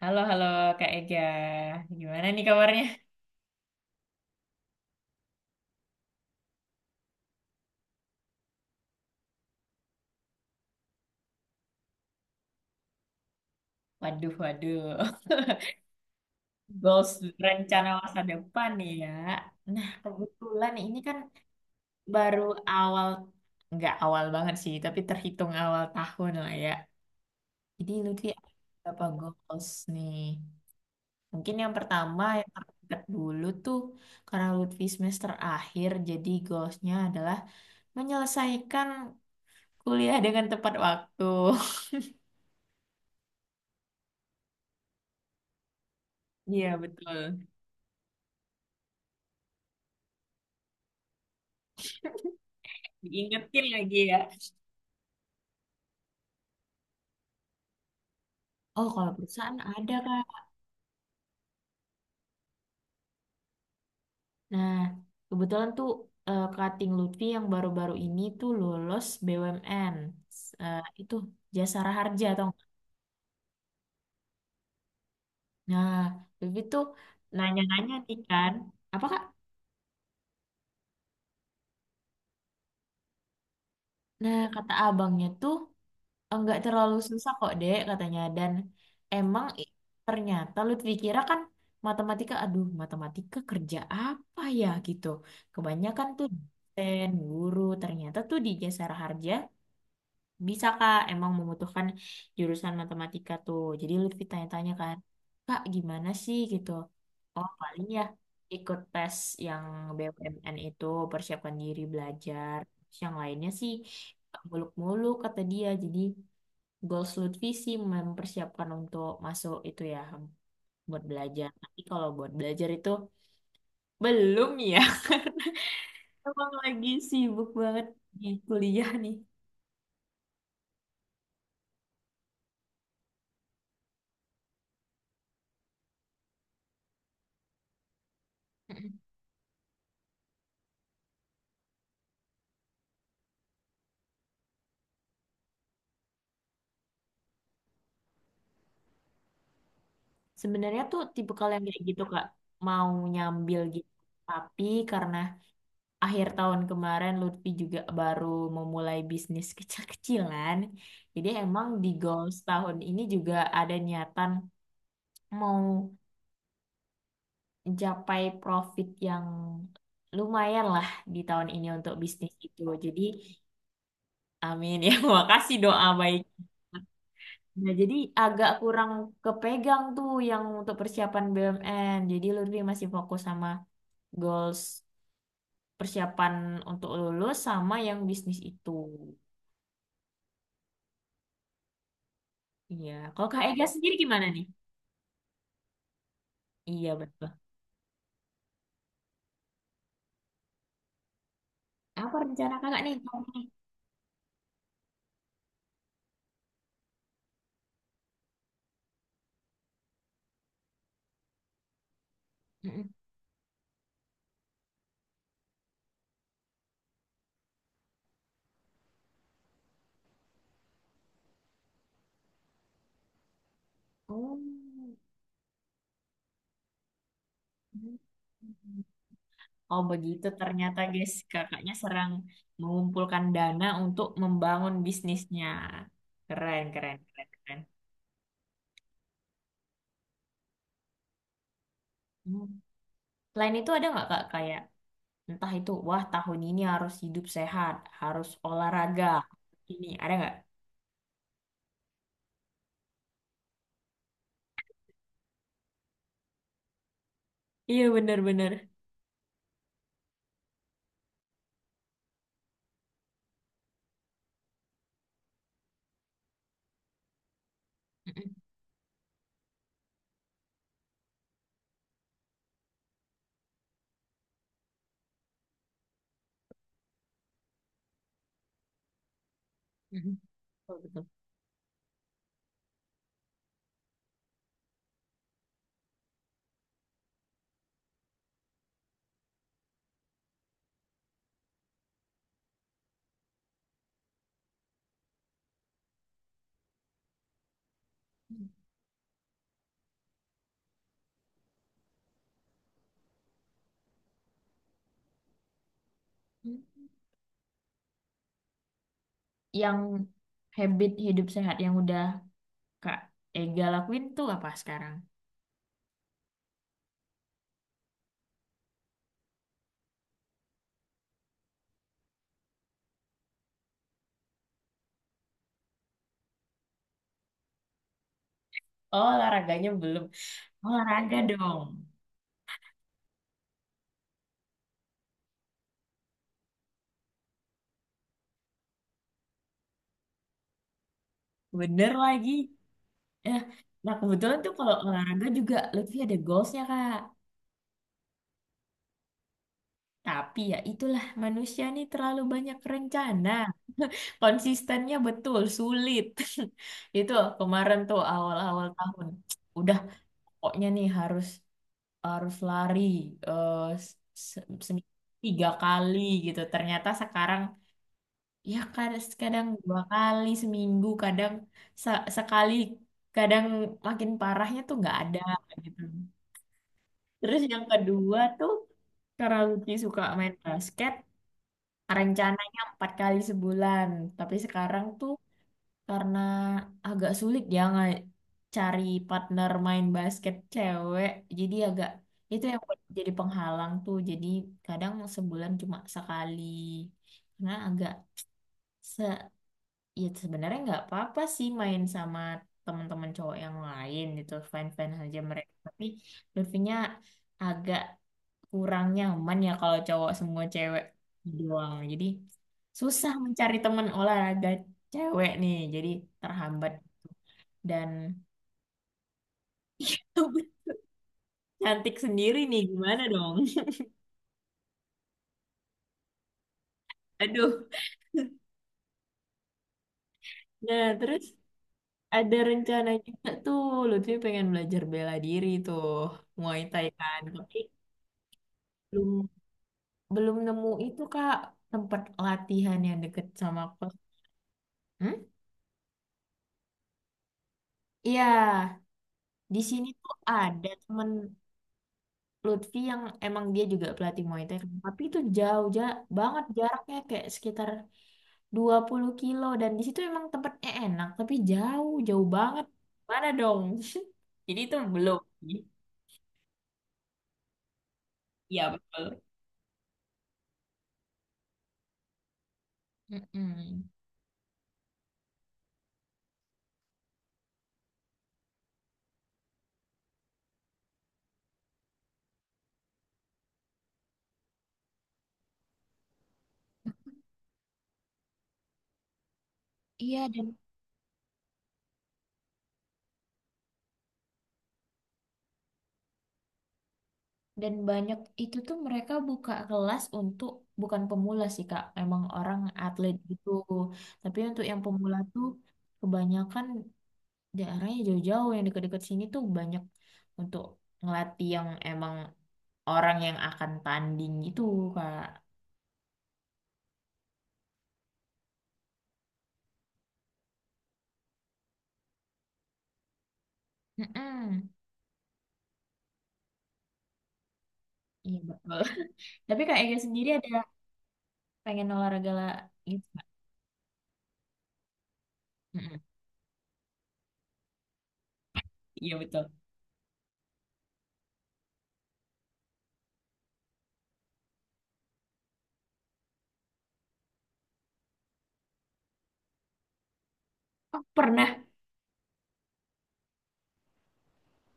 Halo, halo Kak Ega. Gimana nih kabarnya? Waduh, waduh. Goals rencana masa depan nih ya. Nah, kebetulan ini kan baru awal, nggak awal banget sih, tapi terhitung awal tahun lah ya. Jadi Lutfi ada beberapa goals nih. Mungkin yang pertama, yang terdekat dulu tuh, karena Lutfi semester akhir, jadi goalsnya adalah menyelesaikan kuliah dengan tepat waktu. Iya, betul. Diingetin lagi ya. Oh, kalau perusahaan ada, Kak. Nah, kebetulan tuh Kating Lutfi yang baru-baru ini tuh lulus BUMN. Itu Jasara Harja atau nggak? Nah, Lutfi tuh nanya-nanya nih kan. Apa, Kak? Nah, kata abangnya tuh enggak terlalu susah kok, Dek, katanya. Dan emang ternyata Lutfi kira kan matematika, aduh, matematika kerja apa ya gitu. Kebanyakan tuh dosen, guru, ternyata tuh di Jasara Harja bisa, Kak, emang membutuhkan jurusan matematika tuh. Jadi Lutfi tanya-tanya kan, Kak, gimana sih gitu? Oh, paling ya ikut tes yang BUMN itu, persiapkan diri belajar. Terus yang lainnya sih muluk-muluk kata dia. Jadi goals Lutfi sih mempersiapkan untuk masuk itu ya buat belajar. Tapi kalau buat belajar itu belum ya. Emang lagi sibuk banget di kuliah nih. Sebenarnya tuh tipe kalian kayak gitu Kak mau nyambil gitu. Tapi karena akhir tahun kemarin Lutfi juga baru memulai bisnis kecil-kecilan. Jadi emang di goals tahun ini juga ada niatan mau mencapai profit yang lumayan lah di tahun ini untuk bisnis itu. Jadi, amin ya. Makasih doa baik. Nah, jadi agak kurang kepegang tuh yang untuk persiapan BUMN. Jadi, Lutfi masih fokus sama goals persiapan untuk lulus sama yang bisnis itu. Iya. Kalau Kak Ega sendiri gimana nih? Iya, betul. Apa rencana kakak nih? Mm-mm. Oh. Mm-hmm. Oh begitu ternyata guys, kakaknya serang mengumpulkan dana untuk membangun bisnisnya. Keren, keren, keren, keren. Hmm. Selain itu ada nggak kak kayak entah itu wah tahun ini harus hidup sehat, harus olahraga. Ini ada nggak? Iya benar-benar. Betul, betul. Yang habit hidup sehat yang udah kak Ega lakuin tuh apa sekarang? Oh olahraganya belum. Olahraga dong. Bener lagi. Eh, Nah, kebetulan tuh kalau olahraga juga Lutfi ada goalsnya, Kak. Tapi ya itulah, manusia nih terlalu banyak rencana. Konsistennya betul sulit. Itu kemarin tuh awal-awal tahun. Udah pokoknya nih harus harus lari, eh, se- seminggu tiga kali gitu. Ternyata sekarang ya kadang, kadang dua kali seminggu, kadang sekali, kadang makin parahnya tuh nggak ada gitu. Terus yang kedua tuh karena Lucky suka main basket, rencananya empat kali sebulan. Tapi sekarang tuh karena agak sulit ya nggak cari partner main basket cewek, jadi agak itu yang buat jadi penghalang tuh. Jadi kadang sebulan cuma sekali. Karena agak se ya sebenarnya nggak apa-apa sih main sama teman-teman cowok yang lain gitu, fine-fine aja mereka. Tapi Lutfinya agak kurang nyaman ya kalau cowok semua cewek doang. Jadi susah mencari teman olahraga cewek nih. Jadi terhambat dan cantik sendiri nih gimana dong? Aduh. Nah, terus ada rencana juga tuh Lutfi pengen belajar bela diri tuh Muay Thai kan. Tapi belum belum nemu itu Kak tempat latihan yang deket sama aku. Hmm? Iya, di sini tuh ada temen Lutfi yang emang dia juga pelatih Muay Thai kan. Tapi itu jauh banget jaraknya, kayak sekitar 20 kilo, dan di situ emang tempatnya enak tapi jauh jauh banget, mana dong jadi itu belum sih. Iya betul. Mm-mm. Iya dan banyak itu tuh mereka buka kelas untuk bukan pemula sih Kak, emang orang atlet gitu, tapi untuk yang pemula tuh kebanyakan daerahnya jauh-jauh. Yang dekat-dekat sini tuh banyak untuk ngelatih yang emang orang yang akan tanding gitu, kak. Mm-mm. Iya betul. Tapi kak Ega sendiri ada pengen olahraga lah gitu kak. Mm-mm. Iya betul. Oh, pernah.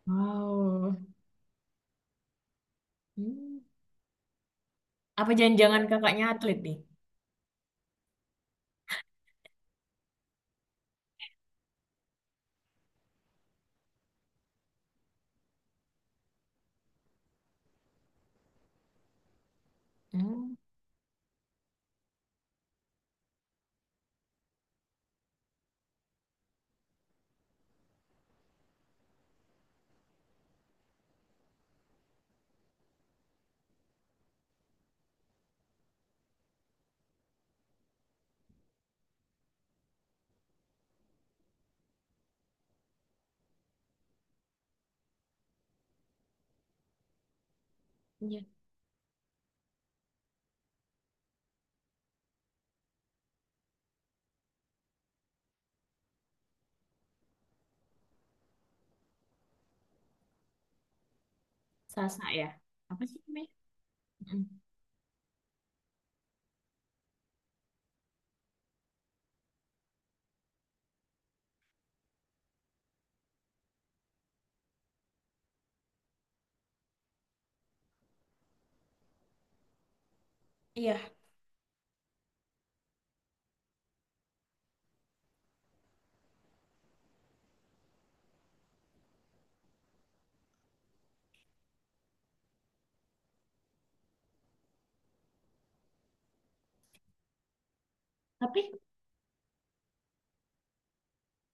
Wow. Hmm. Apa jangan-jangan kakaknya atlet nih? Hmm. Iya. Sasa ya. Apa sih namanya? Mm-mm. Iya. Tapi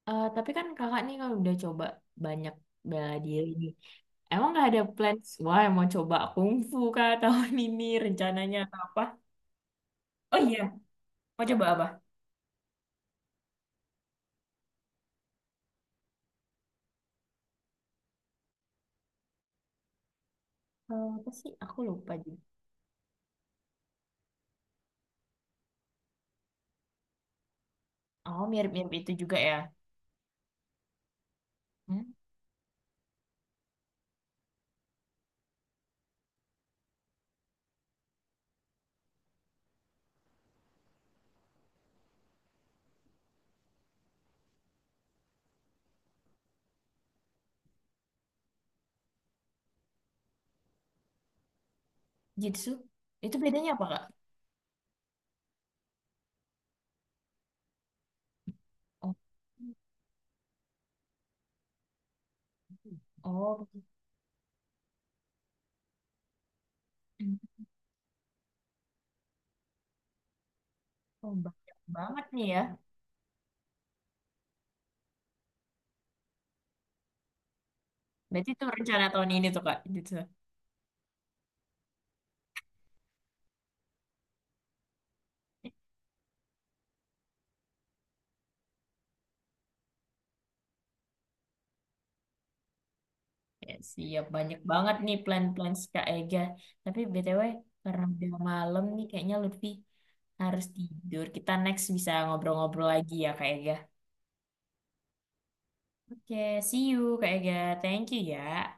tapi kan kakak nih kalau udah coba banyak bela diri nih. Emang nggak ada plans? Wah, mau coba kungfu kah tahun ini rencananya atau apa? Oh iya, mau coba apa? Eh, apa sih? Aku lupa juga. Oh, mirip-mirip itu juga ya. Hmm? Jitsu? Itu bedanya apa, Kak? Oh, oh, oh, banyak banget nih ya. Berarti itu rencana tahun ini tuh, Kak, Jitsu. Ya, siap, banyak banget nih plan-plan Kak Ega. Tapi BTW, karena udah malam nih, kayaknya Lutfi harus tidur. Kita next bisa ngobrol-ngobrol lagi ya, Kak Ega. Oke, see you Kak Ega. Thank you ya.